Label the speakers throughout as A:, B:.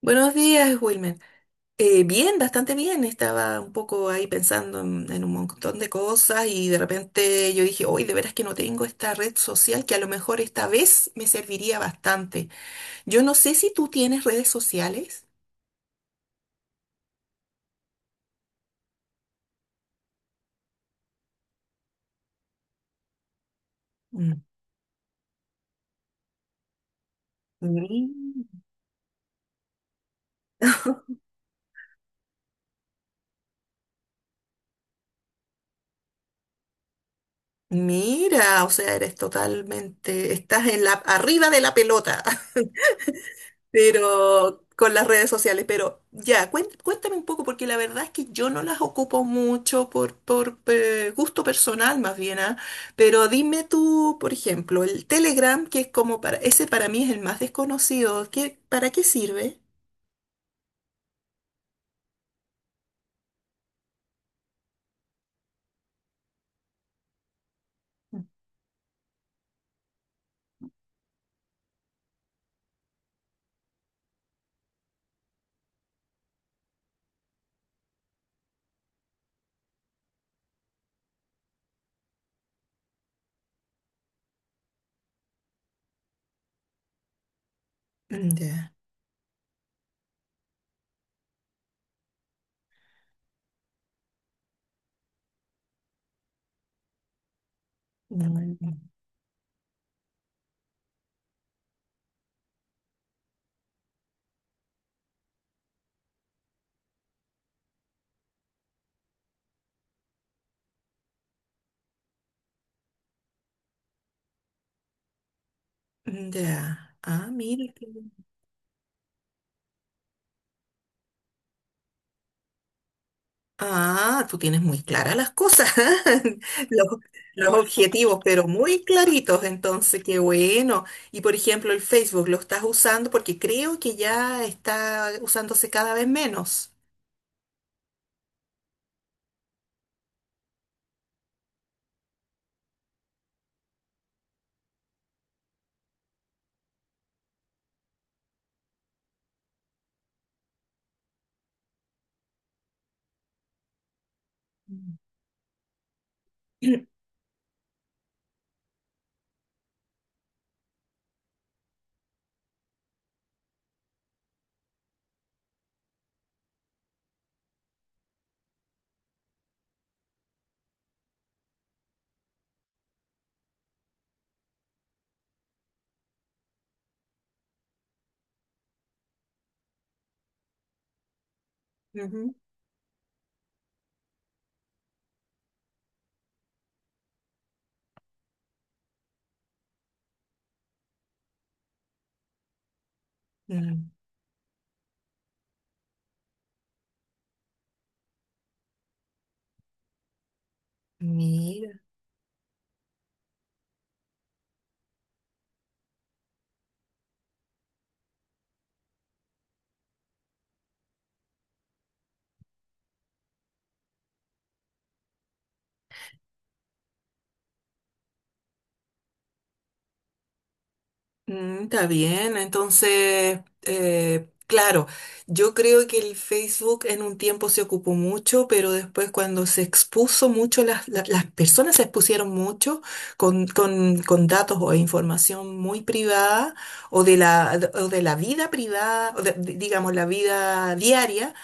A: Buenos días, Wilmer. Bien, bastante bien. Estaba un poco ahí pensando en un montón de cosas y de repente yo dije, hoy de veras que no tengo esta red social que a lo mejor esta vez me serviría bastante. Yo no sé si tú tienes redes sociales. Mm. Mm. Mira, o sea, eres totalmente, estás en la, arriba de la pelota, pero con las redes sociales. Pero ya, cuéntame un poco, porque la verdad es que yo no las ocupo mucho por gusto personal más bien, ¿ah? Pero dime tú, por ejemplo, el Telegram, que es como para, ese para mí es el más desconocido, ¿qué, para qué sirve? Mm, ya. Mm, ya, ah, mira. Ah, tú tienes muy claras las cosas, los, los objetivos, pero muy claritos, entonces, qué bueno. Y por ejemplo, el Facebook, ¿lo estás usando? Porque creo que ya está usándose cada vez menos. Ujú. Mm. Mira. Mm, está bien, entonces, claro, yo creo que el Facebook en un tiempo se ocupó mucho, pero después cuando se expuso mucho, las personas se expusieron mucho con datos o información muy privada o de la vida privada, o digamos, la vida diaria,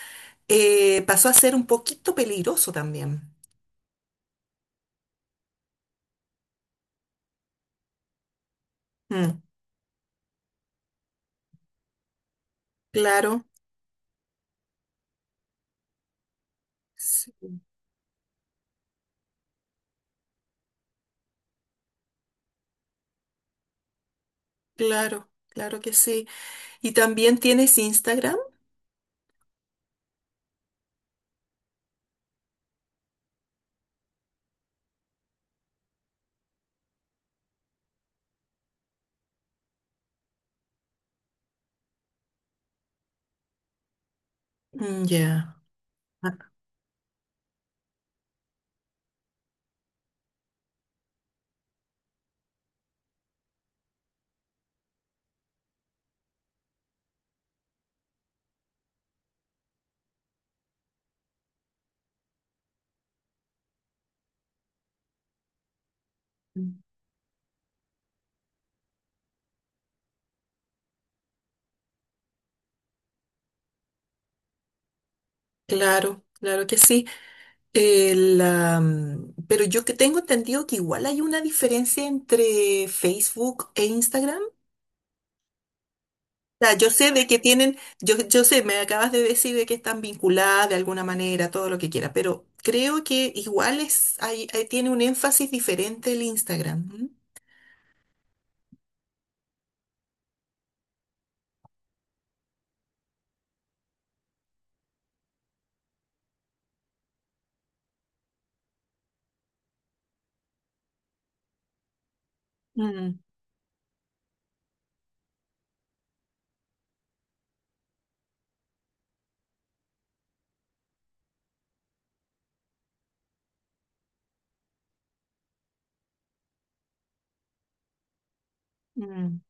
A: pasó a ser un poquito peligroso también. Mm, claro, sí, claro, claro que sí. ¿Y también tienes Instagram? Mm, ya. Claro, claro que sí. El, pero yo que tengo entendido que igual hay una diferencia entre Facebook e Instagram. O sea, yo sé de que tienen, yo sé, me acabas de decir de que están vinculadas de alguna manera, todo lo que quiera, pero creo que igual es, hay, tiene un énfasis diferente el Instagram. ¿M? Mm, mm,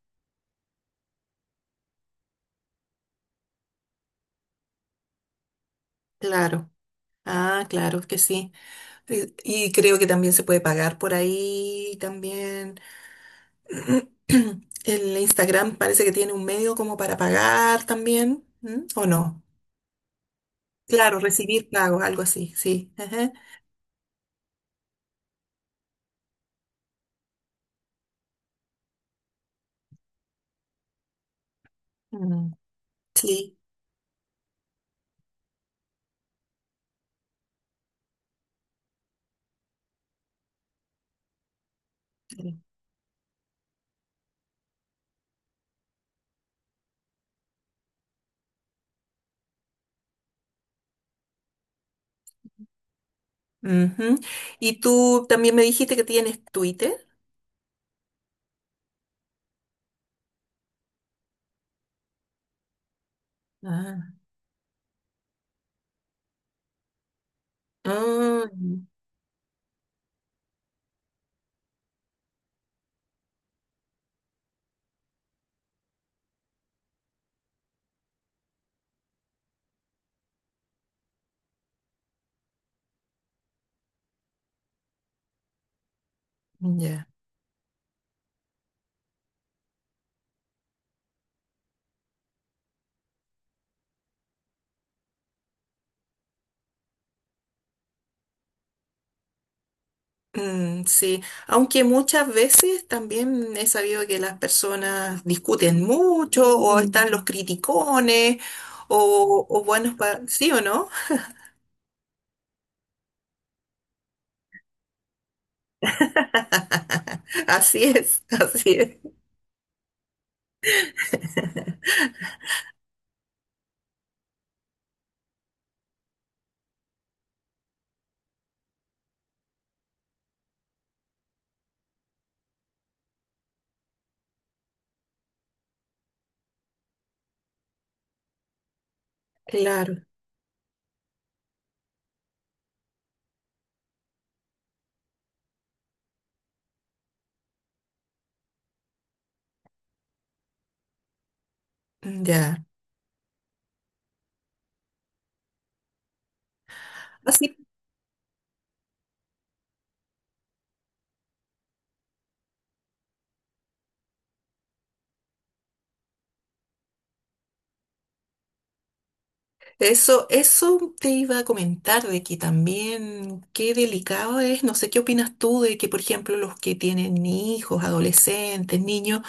A: claro. Ah, claro que sí. Y, y creo que también se puede pagar por ahí también. El Instagram parece que tiene un medio como para pagar también, ¿m? ¿O no? Claro, recibir pagos, algo así, sí. Ajá. Mm, sí. Ujú. Y tú también me dijiste que tienes Twitter. Ah, ah, ya. Mm, sí, aunque muchas veces también he sabido que las personas discuten mucho o mm, están los criticones o buenos para... ¿Sí o no? Así es, así es. Claro, ya. Así, eso te iba a comentar de que también qué delicado es, no sé qué opinas tú de que, por ejemplo, los que tienen hijos, adolescentes, niños,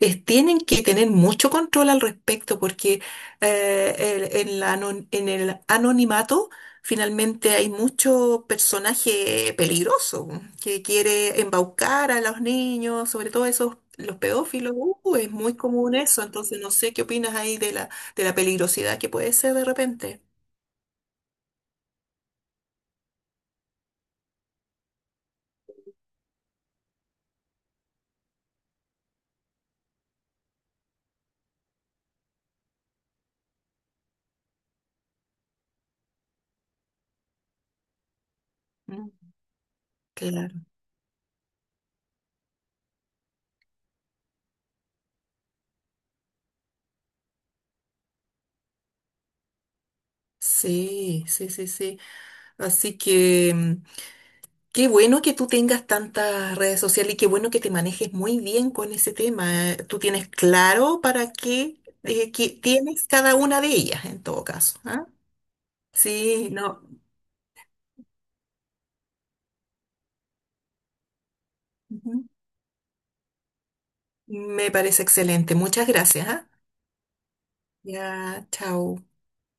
A: tienen que tener mucho control al respecto porque en la en el anonimato finalmente hay mucho personaje peligroso que quiere embaucar a los niños, sobre todo esos, los pedófilos, es muy común eso, entonces no sé qué opinas ahí de la peligrosidad que puede ser de repente. Mm, claro, sí, sí, sí, sí. Así que mm, qué bueno que tú tengas tantas redes sociales y qué bueno que te manejes muy bien con ese tema. Tú tienes claro para qué, qué tienes cada una de ellas en todo caso, ¿ah? Sí, no. Ujú. Me parece excelente. Muchas gracias, ¿ah? Ya, chao.